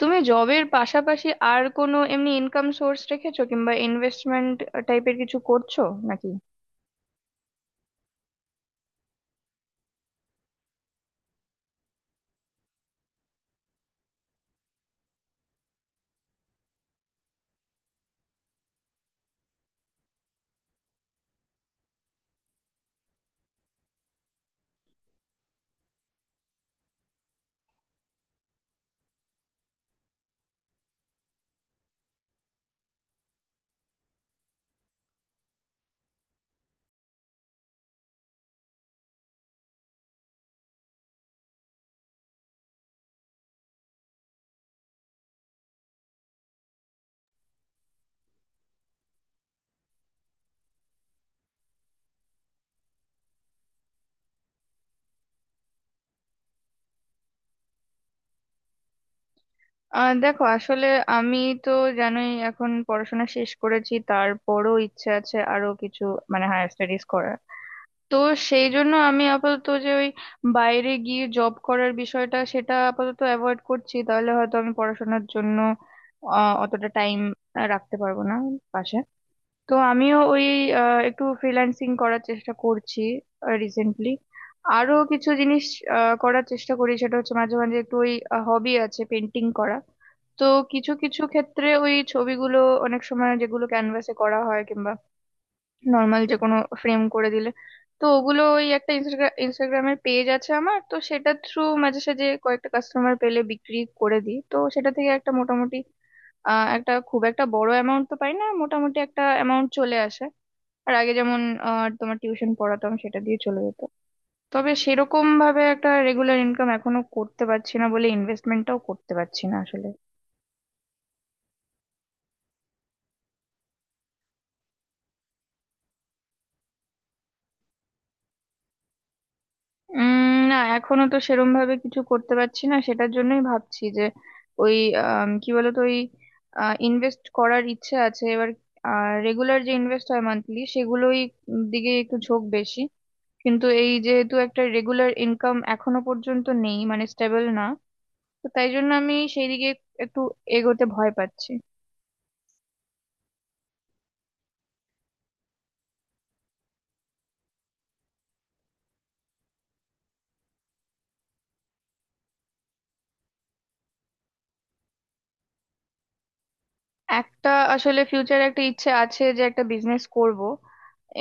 তুমি জবের পাশাপাশি আর কোনো এমনি ইনকাম সোর্স রেখেছো কিংবা ইনভেস্টমেন্ট টাইপের কিছু করছো নাকি? দেখো, আসলে আমি তো জানোই এখন পড়াশোনা শেষ করেছি, তারপরও ইচ্ছে আছে আরো কিছু, মানে হায়ার স্টাডিজ করার। তো সেই জন্য আমি আপাতত যে ওই বাইরে গিয়ে জব করার বিষয়টা সেটা আপাতত অ্যাভয়েড করছি, তাহলে হয়তো আমি পড়াশোনার জন্য অতটা টাইম রাখতে পারবো না পাশে। তো আমিও ওই একটু ফ্রিল্যান্সিং করার চেষ্টা করছি রিসেন্টলি। আরো কিছু জিনিস করার চেষ্টা করি, সেটা হচ্ছে মাঝে মাঝে একটু ওই হবি আছে পেন্টিং করা। তো কিছু কিছু ক্ষেত্রে ওই ছবিগুলো অনেক সময় যেগুলো ক্যানভাসে নর্মাল যে কোনো ফ্রেম করে দিলে, তো ওগুলো ওই একটা ইনস্টাগ্রামের পেজ আছে আমার, তো সেটা থ্রু মাঝে সাঝে কয়েকটা কাস্টমার পেলে বিক্রি করে দিই। তো সেটা থেকে একটা মোটামুটি একটা খুব একটা বড় অ্যামাউন্ট তো পাই না, মোটামুটি একটা অ্যামাউন্ট চলে আসে। আর আগে যেমন তোমার টিউশন পড়াতাম, সেটা দিয়ে চলে যেত। তবে সেরকম ভাবে একটা রেগুলার ইনকাম এখনো করতে পারছি না বলে ইনভেস্টমেন্টটাও করতে পারছি না আসলে। উম, না এখনো তো সেরম ভাবে কিছু করতে পারছি না, সেটার জন্যই ভাবছি যে ওই কি বলতো ওই ইনভেস্ট করার ইচ্ছে আছে এবার। রেগুলার যে ইনভেস্ট হয় মান্থলি সেগুলোই দিকে একটু ঝোঁক বেশি, কিন্তু এই যেহেতু একটা রেগুলার ইনকাম এখনো পর্যন্ত নেই মানে স্টেবল না, তো তাই জন্য আমি সেই দিকে একটু এগোতে ভয় পাচ্ছি। একটা আসলে ফিউচারে একটা ইচ্ছে আছে যে একটা বিজনেস করব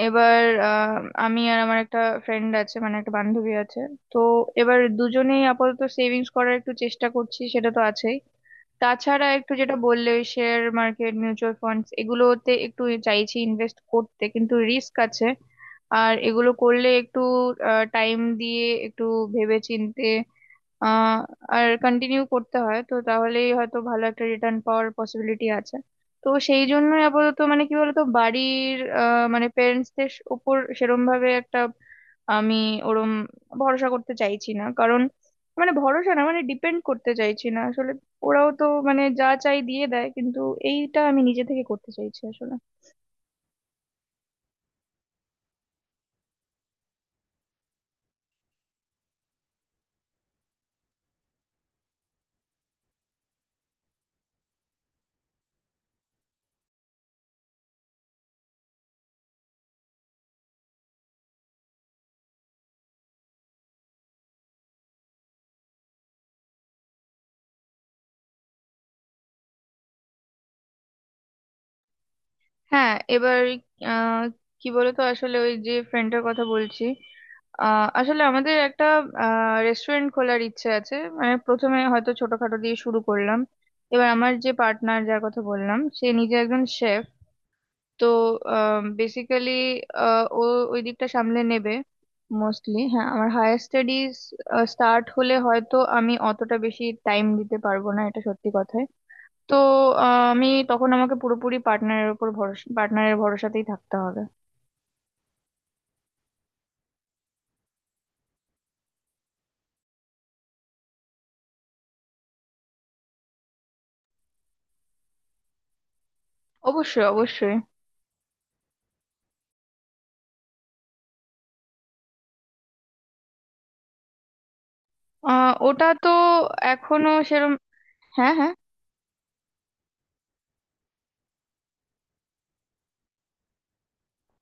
এবার। আহ, আমি আর আমার একটা ফ্রেন্ড আছে, মানে একটা বান্ধবী আছে। তো এবার দুজনেই আপাতত সেভিংস করার একটু চেষ্টা করছি, সেটা তো আছেই। তাছাড়া একটু যেটা বললে ওই শেয়ার মার্কেট, মিউচুয়াল ফান্ডস, এগুলোতে একটু চাইছি ইনভেস্ট করতে, কিন্তু রিস্ক আছে। আর এগুলো করলে একটু টাইম দিয়ে একটু ভেবে চিন্তে আহ আর কন্টিনিউ করতে হয়, তো তাহলেই হয়তো ভালো একটা রিটার্ন পাওয়ার পসিবিলিটি আছে। তো সেই জন্যই আপাতত মানে কি বলতো বাড়ির মানে প্যারেন্টসদের উপর সেরম ভাবে একটা আমি ওরম ভরসা করতে চাইছি না, কারণ মানে ভরসা না মানে ডিপেন্ড করতে চাইছি না আসলে। ওরাও তো মানে যা চাই দিয়ে দেয়, কিন্তু এইটা আমি নিজে থেকে করতে চাইছি আসলে। হ্যাঁ এবার আহ কি বলতো আসলে ওই যে ফ্রেন্ডটার কথা বলছি, আসলে আমাদের একটা রেস্টুরেন্ট খোলার ইচ্ছে আছে, মানে প্রথমে হয়তো ছোটখাটো দিয়ে শুরু করলাম। এবার আমার যে পার্টনার যার কথা বললাম, সে নিজে একজন শেফ। তো বেসিক্যালি ও ওই দিকটা সামলে নেবে মোস্টলি। হ্যাঁ, আমার হায়ার স্টাডিজ স্টার্ট হলে হয়তো আমি অতটা বেশি টাইম দিতে পারবো না, এটা সত্যি কথাই। তো আমি তখন আমাকে পুরোপুরি পার্টনারের উপর ভরসা পার্টনারের ভরসাতেই থাকতে হবে। অবশ্যই, অবশ্যই। ওটা তো এখনো সেরম, হ্যাঁ হ্যাঁ।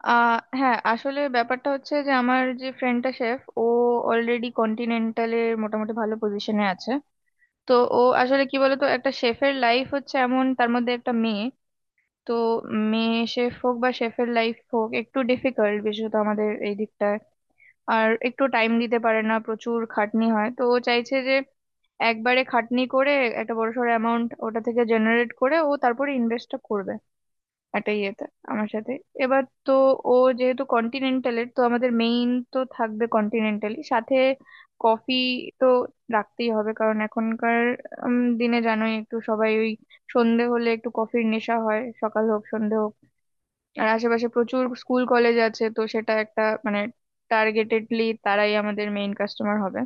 হ্যাঁ আসলে ব্যাপারটা হচ্ছে যে আমার যে ফ্রেন্ডটা শেফ, ও অলরেডি কন্টিনেন্টালের মোটামুটি ভালো পজিশনে আছে। তো ও আসলে কি বলতো, একটা শেফের লাইফ হচ্ছে এমন, তার মধ্যে একটা মেয়ে, তো মেয়ে শেফ হোক বা শেফের লাইফ হোক একটু ডিফিকাল্ট বিশেষত আমাদের এই দিকটায়। আর একটু টাইম দিতে পারে না, প্রচুর খাটনি হয়, তো ও চাইছে যে একবারে খাটনি করে একটা বড়সড় অ্যামাউন্ট ওটা থেকে জেনারেট করে ও তারপরে ইনভেস্টটা করবে একটা ইয়েতে আমার সাথে। এবার তো ও যেহেতু কন্টিনেন্টালের, তো আমাদের মেইন তো থাকবে কন্টিনেন্টালি, সাথে কফি তো রাখতেই হবে কারণ এখনকার দিনে জানোই একটু সবাই ওই সন্ধে হলে একটু কফির নেশা হয়, সকাল হোক সন্ধে হোক। আর আশেপাশে প্রচুর স্কুল কলেজ আছে, তো সেটা একটা মানে টার্গেটেডলি তারাই আমাদের মেইন কাস্টমার হবে।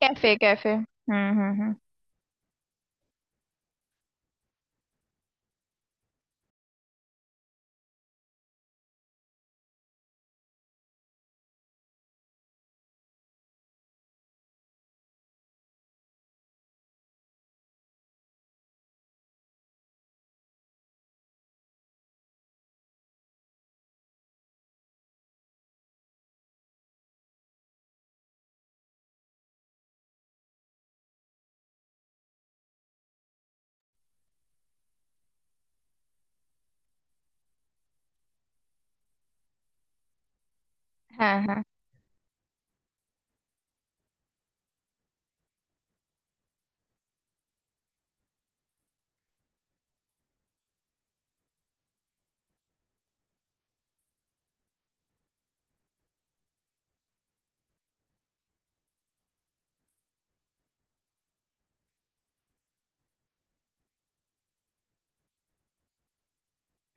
ক্যাফে, ক্যাফে, হুম হুম হুম। হ্যাঁ হ্যাঁ।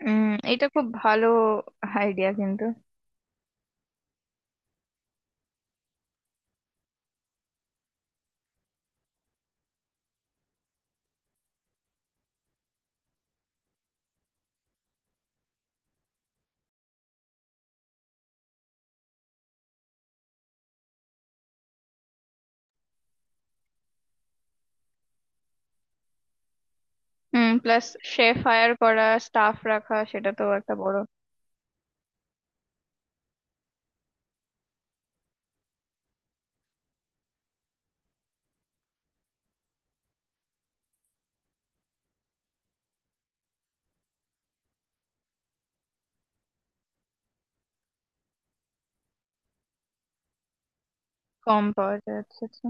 উম, এটা খুব ভালো আইডিয়া কিন্তু। হুম, প্লাস শেফ হায়ার করা, স্টাফ রাখা, সেটা তো একটা বড়। কম পাওয়া যায়, আচ্ছা আচ্ছা।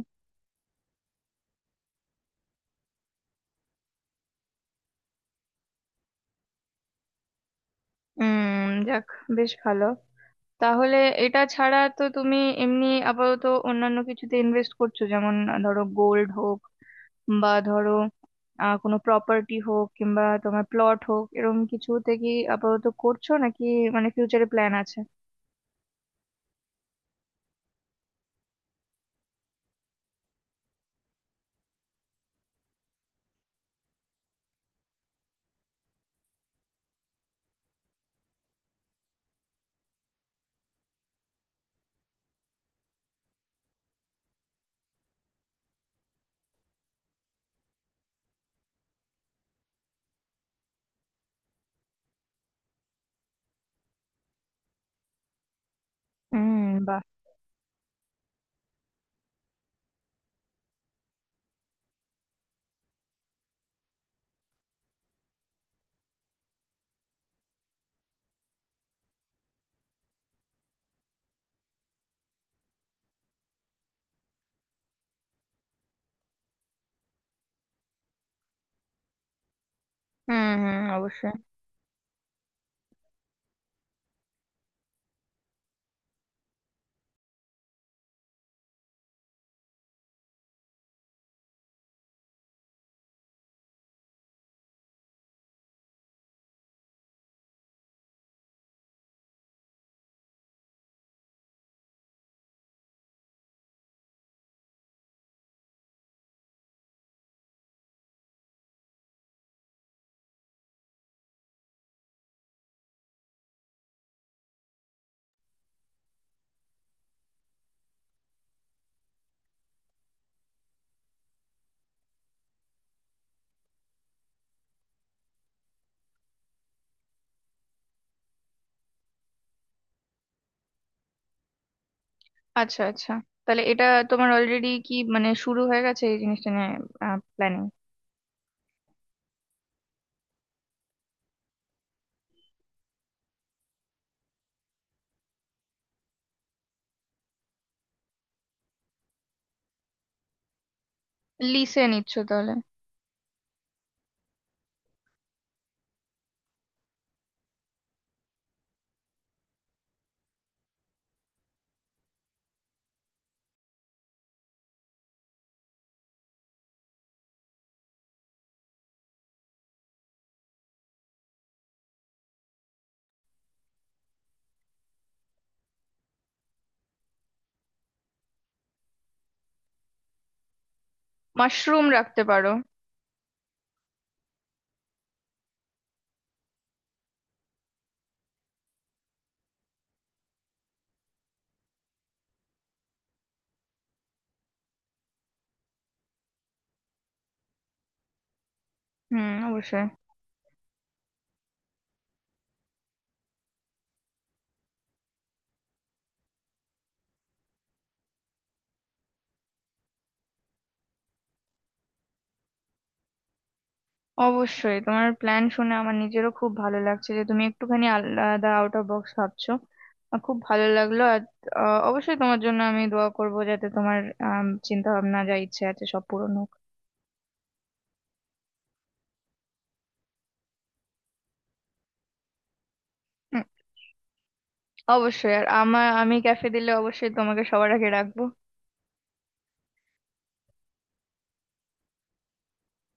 হুম, যাক বেশ ভালো। তাহলে এটা ছাড়া তো তুমি এমনি আপাতত অন্যান্য কিছুতে ইনভেস্ট করছো? যেমন ধরো গোল্ড হোক বা ধরো কোনো প্রপার্টি হোক কিংবা তোমার প্লট হোক, এরকম কিছুতে কি আপাতত করছো নাকি মানে ফিউচারে প্ল্যান আছে? হুম, বাহ। হুম হুম, অবশ্যই। আচ্ছা আচ্ছা, তাহলে এটা তোমার অলরেডি কি মানে শুরু হয়ে গেছে এই জিনিসটা নিয়ে প্ল্যানিং? লিসে নিচ্ছ তাহলে। মাশরুম রাখতে পারো। হুম, অবশ্যই। অবশ্যই তোমার প্ল্যান শুনে আমার নিজেরও খুব ভালো লাগছে যে তুমি একটুখানি আলাদা, আউট অফ বক্স ভাবছো। খুব ভালো লাগলো। আর অবশ্যই তোমার জন্য আমি দোয়া করব যাতে তোমার চিন্তা ভাবনা যা ইচ্ছে আছে সব পূরণ হোক। হুম, অবশ্যই। আর আমার আমি ক্যাফে দিলে অবশ্যই তোমাকে সবার আগে রাখবো।